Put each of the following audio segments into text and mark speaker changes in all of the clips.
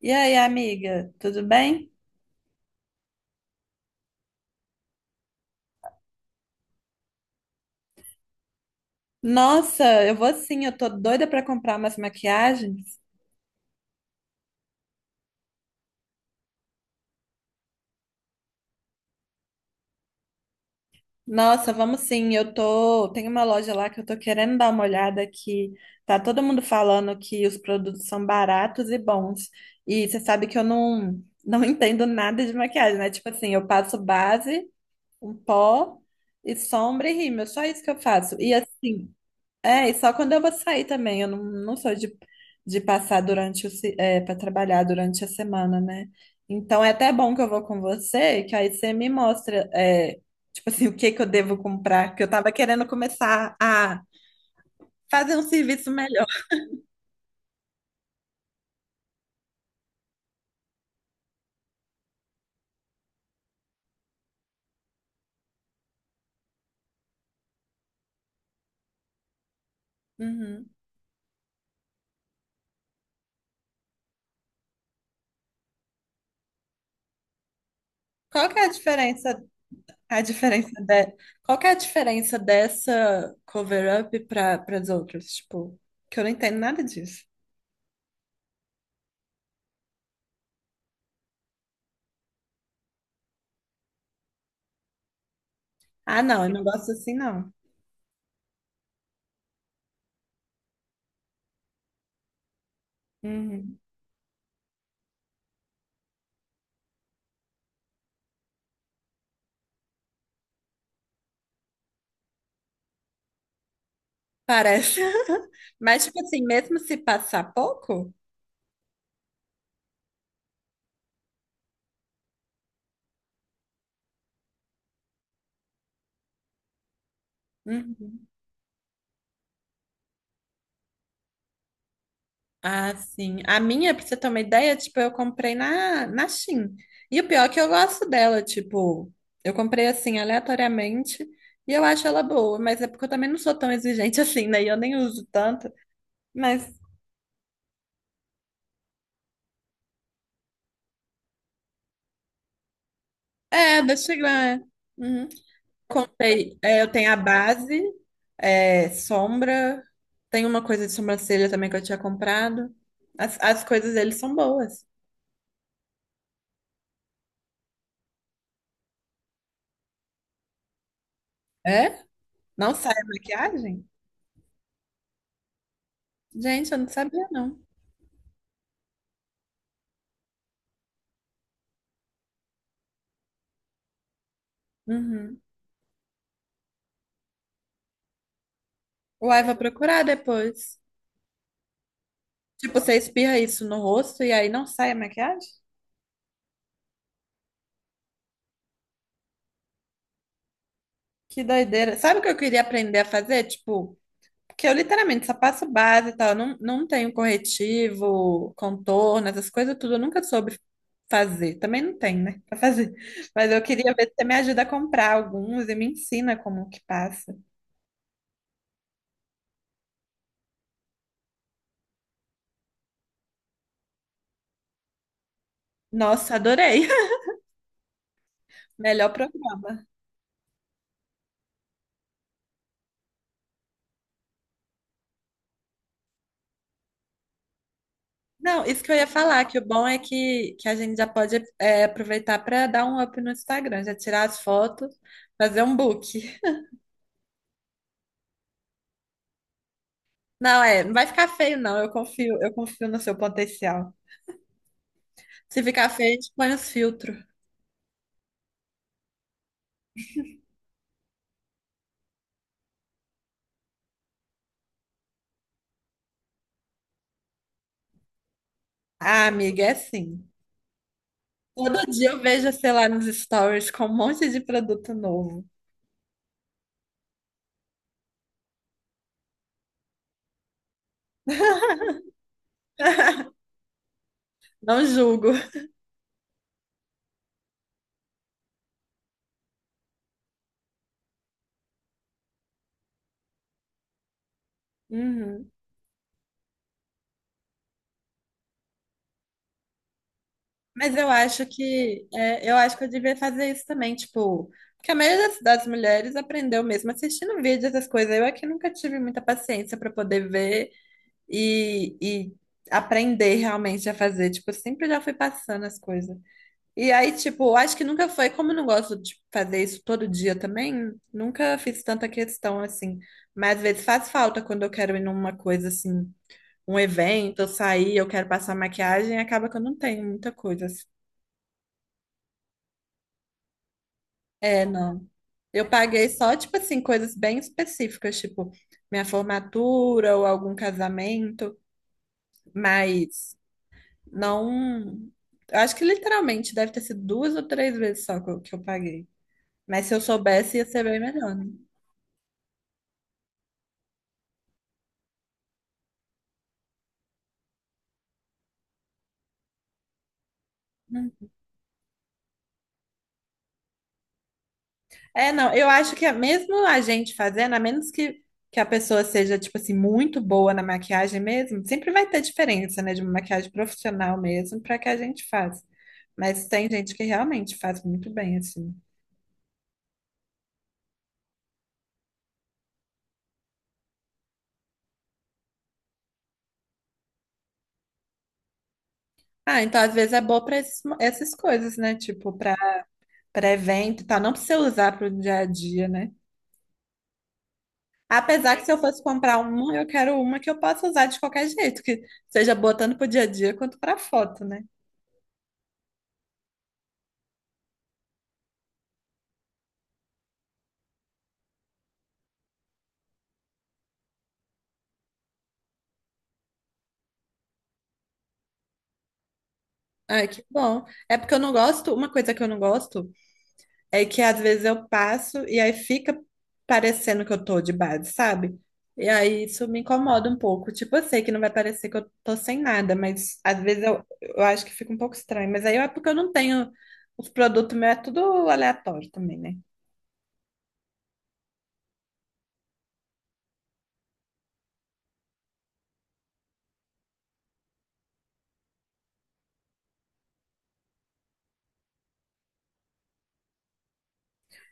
Speaker 1: E aí, amiga, tudo bem? Nossa, eu vou sim, eu tô doida pra comprar umas maquiagens. Nossa, vamos sim, eu tô. Tem uma loja lá que eu tô querendo dar uma olhada que tá todo mundo falando que os produtos são baratos e bons. E você sabe que eu não entendo nada de maquiagem, né? Tipo assim, eu passo base, um pó e sombra e rímel, só isso que eu faço. E assim, é, e só quando eu vou sair também. Eu não sou de passar durante o, para trabalhar durante a semana, né? Então é até bom que eu vou com você, que aí você me mostra, tipo assim, o que que eu devo comprar, que eu tava querendo começar a fazer um serviço melhor. Uhum. Qual que é a diferença, a diferença de, qual que é a diferença dessa cover-up para as outras? Tipo, que eu não entendo nada disso. Ah, não, eu não gosto assim, não. Uhum. Parece. Mas, tipo assim, mesmo se passar pouco? Uhum. Ah, sim. A minha, pra você ter uma ideia, tipo, eu comprei na Shein. E o pior é que eu gosto dela, tipo, eu comprei assim, aleatoriamente, e eu acho ela boa, mas é porque eu também não sou tão exigente assim, né? E eu nem uso tanto. Mas é, deixa eu ver. Uhum. Contei. É, eu tenho a base, é, sombra. Tem uma coisa de sobrancelha também que eu tinha comprado. As coisas deles são boas. É? Não sai a maquiagem? Gente, eu não sabia, não. Uhum. Uai, vou procurar depois. Tipo, você espirra isso no rosto e aí não sai a maquiagem? Que doideira. Sabe o que eu queria aprender a fazer? Tipo, porque eu literalmente só passo base e tal, eu não tenho corretivo, contorno, essas coisas tudo, eu nunca soube fazer. Também não tem, né, pra fazer. Mas eu queria ver se você me ajuda a comprar alguns e me ensina como que passa. Nossa, adorei. Melhor programa. Não, isso que eu ia falar, que o bom é que a gente já pode aproveitar para dar um up no Instagram, já tirar as fotos, fazer um book. Não, é, não vai ficar feio, não. Eu confio no seu potencial. Se ficar feio, a gente põe os filtros. Ah, amiga, é assim. Todo dia eu vejo, sei lá, nos stories com um monte de produto novo. Não julgo. Uhum. Mas eu acho que é, eu acho que eu devia fazer isso também, tipo, porque a maioria das mulheres aprendeu mesmo assistindo vídeos, essas coisas. Eu é que nunca tive muita paciência para poder ver e aprender realmente a fazer. Tipo, eu sempre já fui passando as coisas. E aí, tipo, acho que nunca foi, como eu não gosto de fazer isso todo dia também, nunca fiz tanta questão assim. Mas às vezes faz falta quando eu quero ir numa coisa assim, um evento, eu sair, eu quero passar maquiagem, acaba que eu não tenho muita coisa assim. É, não. Eu paguei só, tipo assim, coisas bem específicas, tipo minha formatura ou algum casamento, mas não. Eu acho que literalmente deve ter sido duas ou três vezes só que eu paguei. Mas se eu soubesse, ia ser bem melhor, né? É, não, eu acho que é mesmo a gente fazendo, a menos que a pessoa seja, tipo assim, muito boa na maquiagem mesmo, sempre vai ter diferença, né, de uma maquiagem profissional mesmo para que a gente faz. Mas tem gente que realmente faz muito bem, assim. Ah, então às vezes é boa para essas coisas, né, tipo, para evento e tal, não precisa usar para o dia a dia, né? Apesar que se eu fosse comprar uma, eu quero uma que eu possa usar de qualquer jeito, que seja boa tanto para o dia a dia quanto para foto, né? Ai, que bom. É porque eu não gosto, uma coisa que eu não gosto é que às vezes eu passo e aí fica parecendo que eu tô de base, sabe? E aí isso me incomoda um pouco. Tipo, eu sei que não vai parecer que eu tô sem nada, mas às vezes eu acho que fica um pouco estranho. Mas aí é porque eu não tenho. Os produtos meus é tudo aleatório também, né?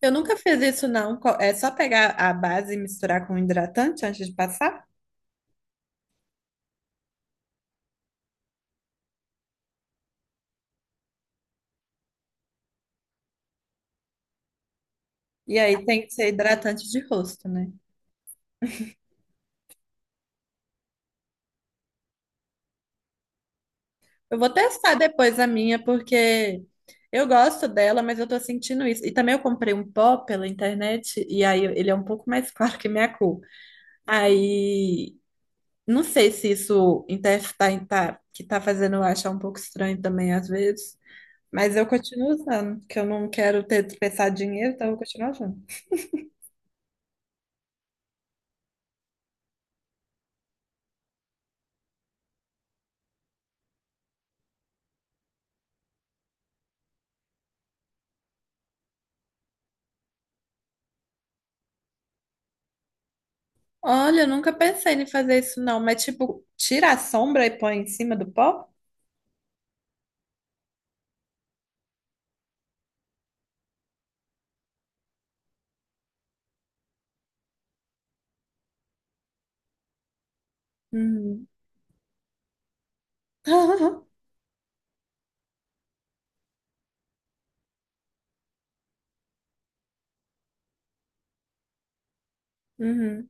Speaker 1: Eu nunca fiz isso, não. É só pegar a base e misturar com hidratante antes de passar. E aí tem que ser hidratante de rosto, né? Eu vou testar depois a minha, porque eu gosto dela, mas eu tô sentindo isso. E também eu comprei um pó pela internet, e aí ele é um pouco mais claro que minha cor. Aí, não sei se isso que tá fazendo eu achar um pouco estranho também às vezes. Mas eu continuo usando, que eu não quero ter desperdiçado dinheiro, então eu vou continuar usando. Olha, eu nunca pensei em fazer isso não, mas tipo, tira a sombra e põe em cima do pó? Uhum. Uhum.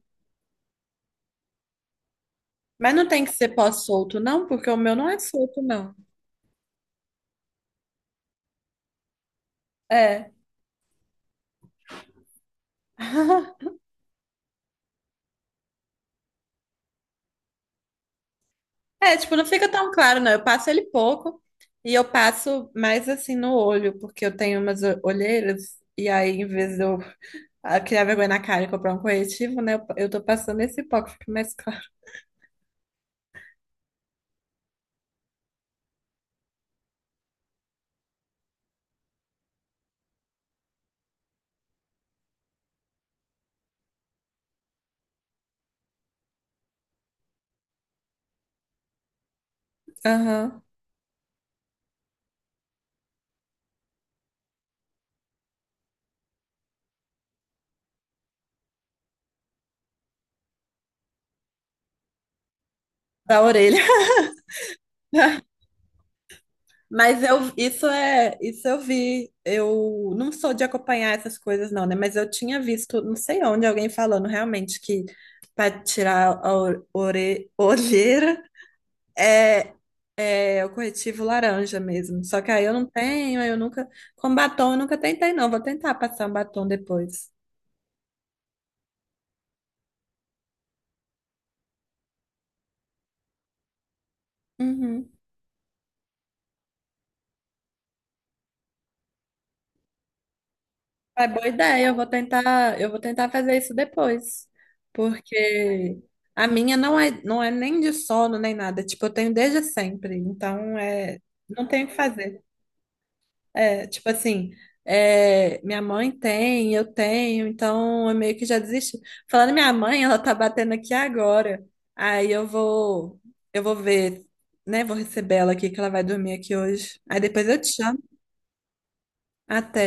Speaker 1: Mas não tem que ser pós-solto, não, porque o meu não é solto, não. É. É, tipo, não fica tão claro, não. Eu passo ele pouco e eu passo mais assim no olho, porque eu tenho umas olheiras e aí, em vez de eu criar vergonha na cara e comprar um corretivo, né, eu tô passando esse pouco, fica mais claro. Aham. Da orelha. Mas eu, isso é, isso eu vi. Eu não sou de acompanhar essas coisas, não, né? Mas eu tinha visto, não sei onde, alguém falando realmente que para tirar a olheira é, é o corretivo laranja mesmo. Só que aí eu não tenho, aí eu nunca. Com batom eu nunca tentei, não. Vou tentar passar um batom depois. Uhum. É boa ideia, eu vou tentar fazer isso depois, porque a minha não é nem de sono nem nada, tipo, eu tenho desde sempre, então é, não tenho o que fazer. É, tipo assim, é, minha mãe tem, eu tenho, então eu meio que já desisti. Falando em minha mãe, ela tá batendo aqui agora. Aí eu vou ver, né, vou receber ela aqui que ela vai dormir aqui hoje. Aí depois eu te chamo. Até.